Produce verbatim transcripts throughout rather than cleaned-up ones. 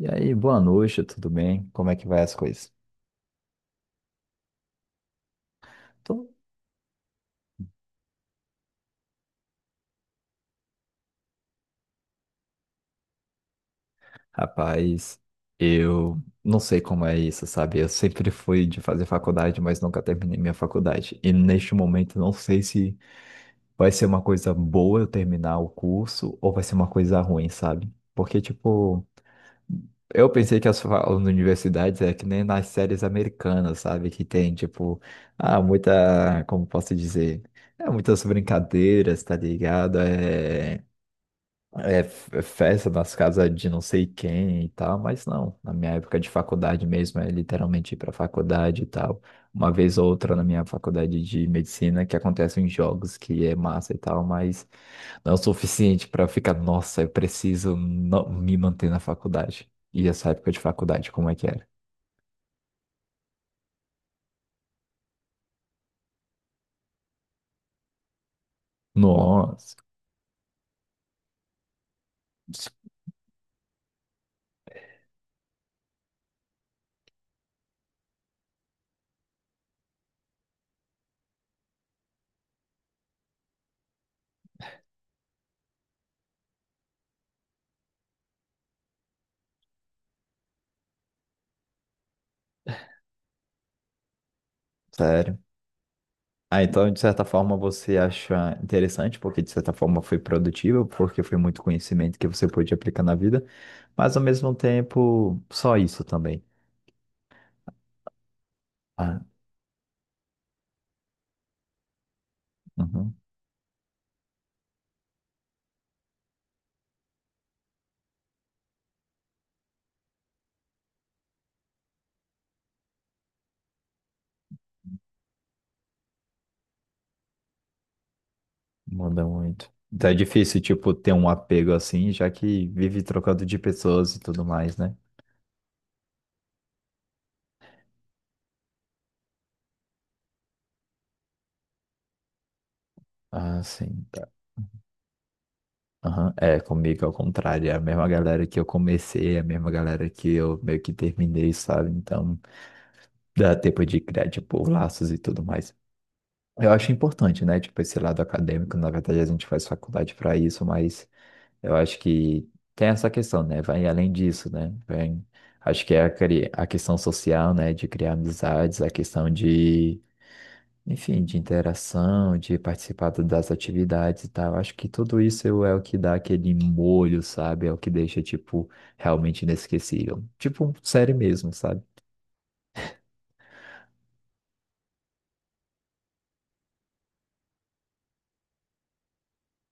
E aí, boa noite, tudo bem? Como é que vai as coisas? Tô- Rapaz, eu não sei como é isso, sabe? Eu sempre fui de fazer faculdade, mas nunca terminei minha faculdade. E neste momento, não sei se vai ser uma coisa boa eu terminar o curso ou vai ser uma coisa ruim, sabe? Porque, tipo, eu pensei que as fa- as universidades é que nem nas séries americanas, sabe? Que tem, tipo, ah, muita, como posso dizer? É, muitas brincadeiras, tá ligado? É. é, f- festa nas casas de não sei quem e tal, mas não. Na minha época de faculdade mesmo, é literalmente ir pra faculdade e tal. Uma vez ou outra na minha faculdade de medicina que acontecem jogos que é massa e tal, mas não é o suficiente pra ficar, nossa, eu preciso no- me manter na faculdade. E essa época de faculdade, como é que era? Nossa, sério. Ah, então, de certa forma, você acha interessante, porque de certa forma foi produtivo, porque foi muito conhecimento que você pôde aplicar na vida, mas ao mesmo tempo, só isso também. Ah, uhum, muda muito. Então é difícil, tipo, ter um apego assim, já que vive trocando de pessoas e tudo mais, né? Ah, sim, tá. Aham, é, comigo é o contrário, é a mesma galera que eu comecei, é a mesma galera que eu meio que terminei, sabe? Então, dá tempo de criar, tipo, laços e tudo mais. Eu acho importante, né? Tipo, esse lado acadêmico, na verdade a gente faz faculdade para isso, mas eu acho que tem essa questão, né? Vai além disso, né? Vem, acho que é a, cri- a questão social, né? De criar amizades, a questão de, enfim, de interação, de participar do- das atividades e tal. Acho que tudo isso é o que dá aquele molho, sabe? É o que deixa, tipo, realmente inesquecível. Tipo, série mesmo, sabe?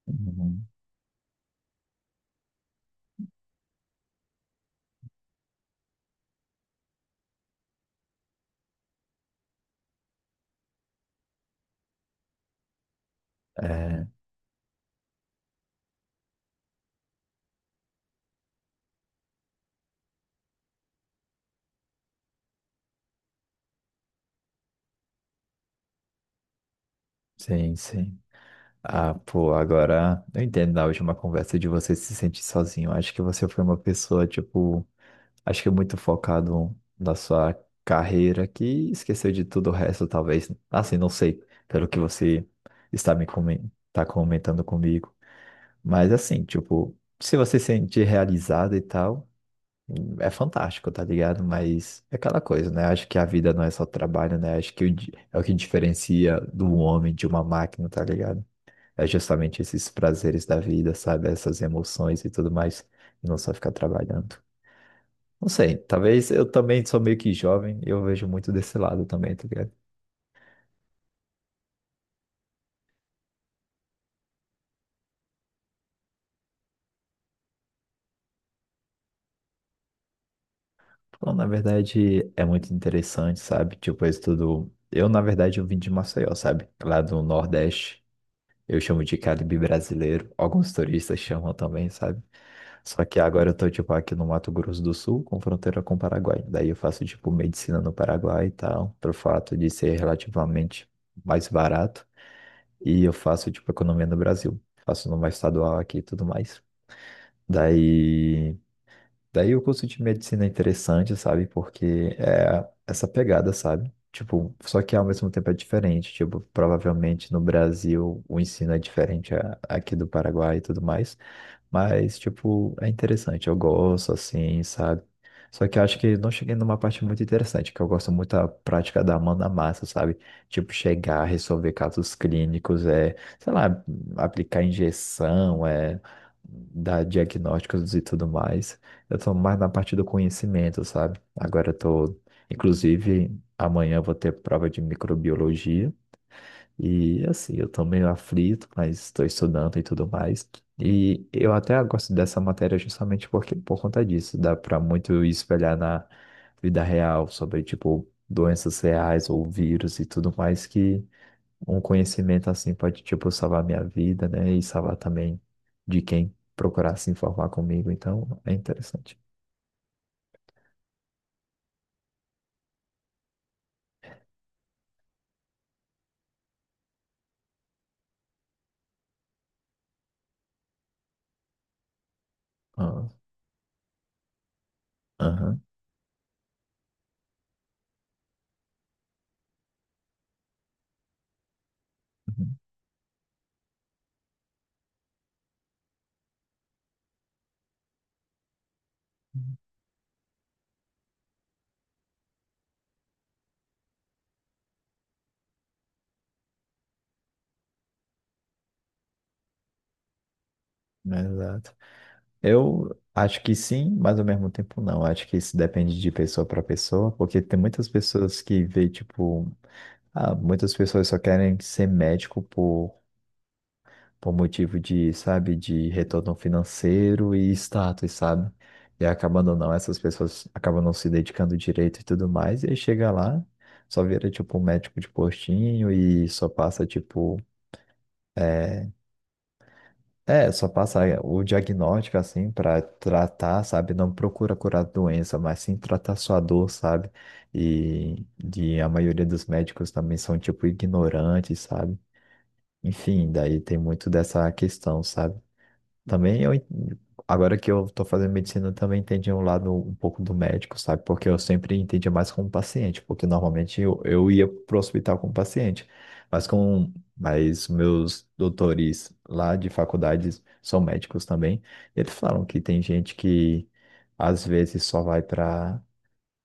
Uhum. É, sim, sim. Ah, pô, agora eu entendo na última conversa de você se sentir sozinho. Acho que você foi uma pessoa, tipo, acho que muito focado na sua carreira que esqueceu de tudo o resto, talvez. Assim, não sei, pelo que você está me comen- tá comentando comigo. Mas assim, tipo, se você se sentir realizado e tal, é fantástico, tá ligado? Mas é aquela coisa, né? Acho que a vida não é só trabalho, né? Acho que o di- é o que diferencia do homem de uma máquina, tá ligado? É justamente esses prazeres da vida, sabe? Essas emoções e tudo mais, e não só ficar trabalhando. Não sei, talvez eu também sou meio que jovem, eu vejo muito desse lado também, tá ligado? Bom, na verdade, é muito interessante, sabe? Tipo, eu estudo. Eu, na verdade, eu vim de Maceió, sabe? Lá do Nordeste. Eu chamo de Caribe brasileiro. Alguns turistas chamam também, sabe? Só que agora eu tô, tipo, aqui no Mato Grosso do Sul, com fronteira com o Paraguai. Daí eu faço, tipo, medicina no Paraguai e tal, pelo fato de ser relativamente mais barato. E eu faço, tipo, economia no Brasil. Faço numa estadual aqui e tudo mais. Daí. Daí o curso de medicina é interessante, sabe? Porque é essa pegada, sabe? Tipo, só que ao mesmo tempo é diferente. Tipo, provavelmente no Brasil o ensino é diferente a- aqui do Paraguai e tudo mais. Mas, tipo, é interessante, eu gosto, assim, sabe? Só que eu acho que não cheguei numa parte muito interessante, que eu gosto muito da prática da mão na massa, sabe? Tipo, chegar, resolver casos clínicos, é, sei lá, aplicar injeção, é, dar diagnósticos e tudo mais. Eu tô mais na parte do conhecimento, sabe? Agora eu tô, inclusive, amanhã eu vou ter prova de microbiologia. E assim, eu tô meio aflito, mas estou estudando e tudo mais. E eu até gosto dessa matéria justamente porque, por conta disso, dá para muito espelhar na vida real sobre, tipo, doenças reais ou vírus e tudo mais que um conhecimento assim pode, tipo, salvar minha vida, né? E salvar também de quem procurar se informar comigo. Então, é interessante. Ah, aham. Uhum. Exato. Eu acho que sim, mas ao mesmo tempo não. Acho que isso depende de pessoa para pessoa, porque tem muitas pessoas que vê, tipo, ah, muitas pessoas só querem ser médico por, por motivo de, sabe, de retorno financeiro e status, sabe? E acabando não, essas pessoas acabam não se dedicando direito e tudo mais, e aí chega lá, só vira, tipo, um médico de postinho e só passa, tipo. É, só passa o diagnóstico assim pra tratar, sabe? Não procura curar a doença, mas sim tratar sua dor, sabe? E, e a maioria dos médicos também são tipo ignorantes, sabe? Enfim, daí tem muito dessa questão, sabe? Também eu, en- agora que eu tô fazendo medicina, eu também entendi um lado um pouco do médico, sabe? Porque eu sempre entendia mais como paciente, porque normalmente eu, eu ia pro hospital como paciente, mas com, mas meus doutores lá de faculdades são médicos também, eles falaram que tem gente que às vezes só vai para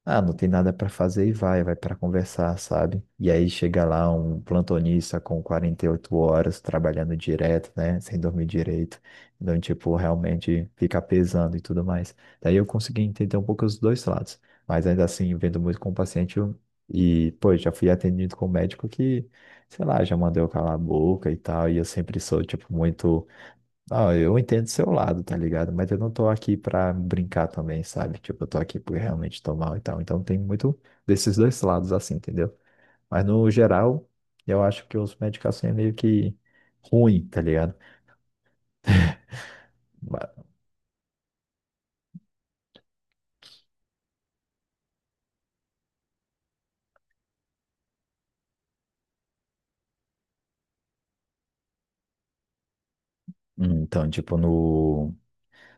ah, não tem nada para fazer e vai, vai para conversar, sabe? E aí chega lá um plantonista com quarenta e oito horas trabalhando direto, né? Sem dormir direito. Então, tipo, realmente fica pesando e tudo mais. Daí eu consegui entender um pouco os dois lados. Mas ainda assim, vendo muito com o paciente eu- e, pô, já fui atendido com um médico que, sei lá, já mandou eu calar a boca e tal. E eu sempre sou, tipo, muito. Não, eu entendo seu lado, tá ligado? Mas eu não tô aqui pra brincar também, sabe? Tipo, eu tô aqui porque realmente tô mal e tal. Então tem muito desses dois lados, assim, entendeu? Mas no geral, eu acho que os médicos assim é meio que ruim, tá ligado? Ba- Hum, Então, tipo, no.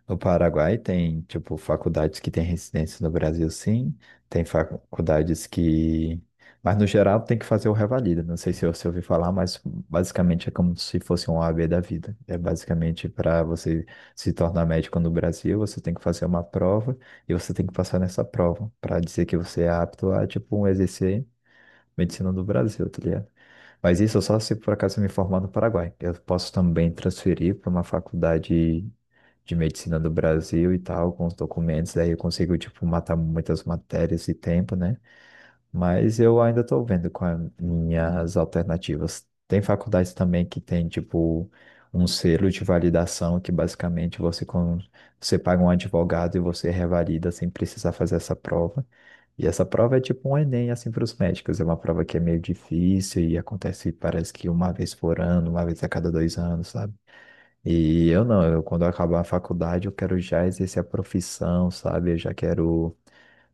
No Paraguai tem, tipo, faculdades que têm residência no Brasil, sim. Tem faculdades que. Mas, no geral, tem que fazer o revalida. Não sei se você ouviu falar, mas basicamente é como se fosse um O A B da vida. É basicamente para você se tornar médico no Brasil, você tem que fazer uma prova e você tem que passar nessa prova para dizer que você é apto a, tipo, um exercer medicina no Brasil, tá ligado? Mas isso só se por acaso eu me formar no Paraguai. Eu posso também transferir para uma faculdade de medicina do Brasil e tal, com os documentos, daí eu consigo, tipo, matar muitas matérias e tempo, né? Mas eu ainda tô vendo com as minhas alternativas. Tem faculdades também que tem, tipo, um selo de validação que basicamente você, com... você paga um advogado e você revalida sem precisar fazer essa prova. E essa prova é tipo um Enem, assim, para os médicos. É uma prova que é meio difícil e acontece, parece que uma vez por ano, uma vez a cada dois anos, sabe? E eu não, eu quando eu acabar a faculdade, eu quero já exercer a profissão, sabe? Eu já quero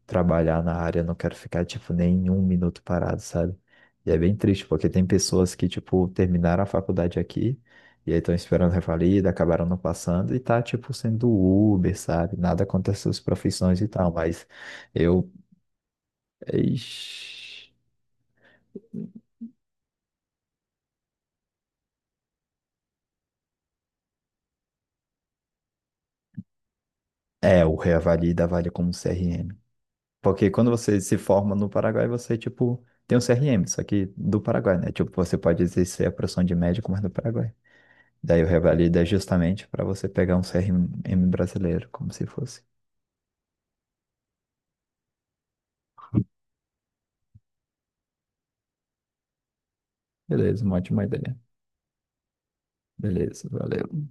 trabalhar na área, eu não quero ficar, tipo, nem um minuto parado, sabe? E é bem triste, porque tem pessoas que, tipo, terminaram a faculdade aqui, e aí estão esperando revalida, acabaram não passando, e tá, tipo, sendo Uber, sabe? Nada contra essas profissões e tal, mas eu. Ixi. É, o revalida vale como C R M. Porque quando você se forma no Paraguai, você, tipo, tem um C R M, só que do Paraguai, né? Tipo, você pode exercer a profissão de médico, mas do Paraguai. Daí o Revalida é justamente para você pegar um C R M brasileiro, como se fosse. Beleza, uma ótima ideia. Beleza, valeu.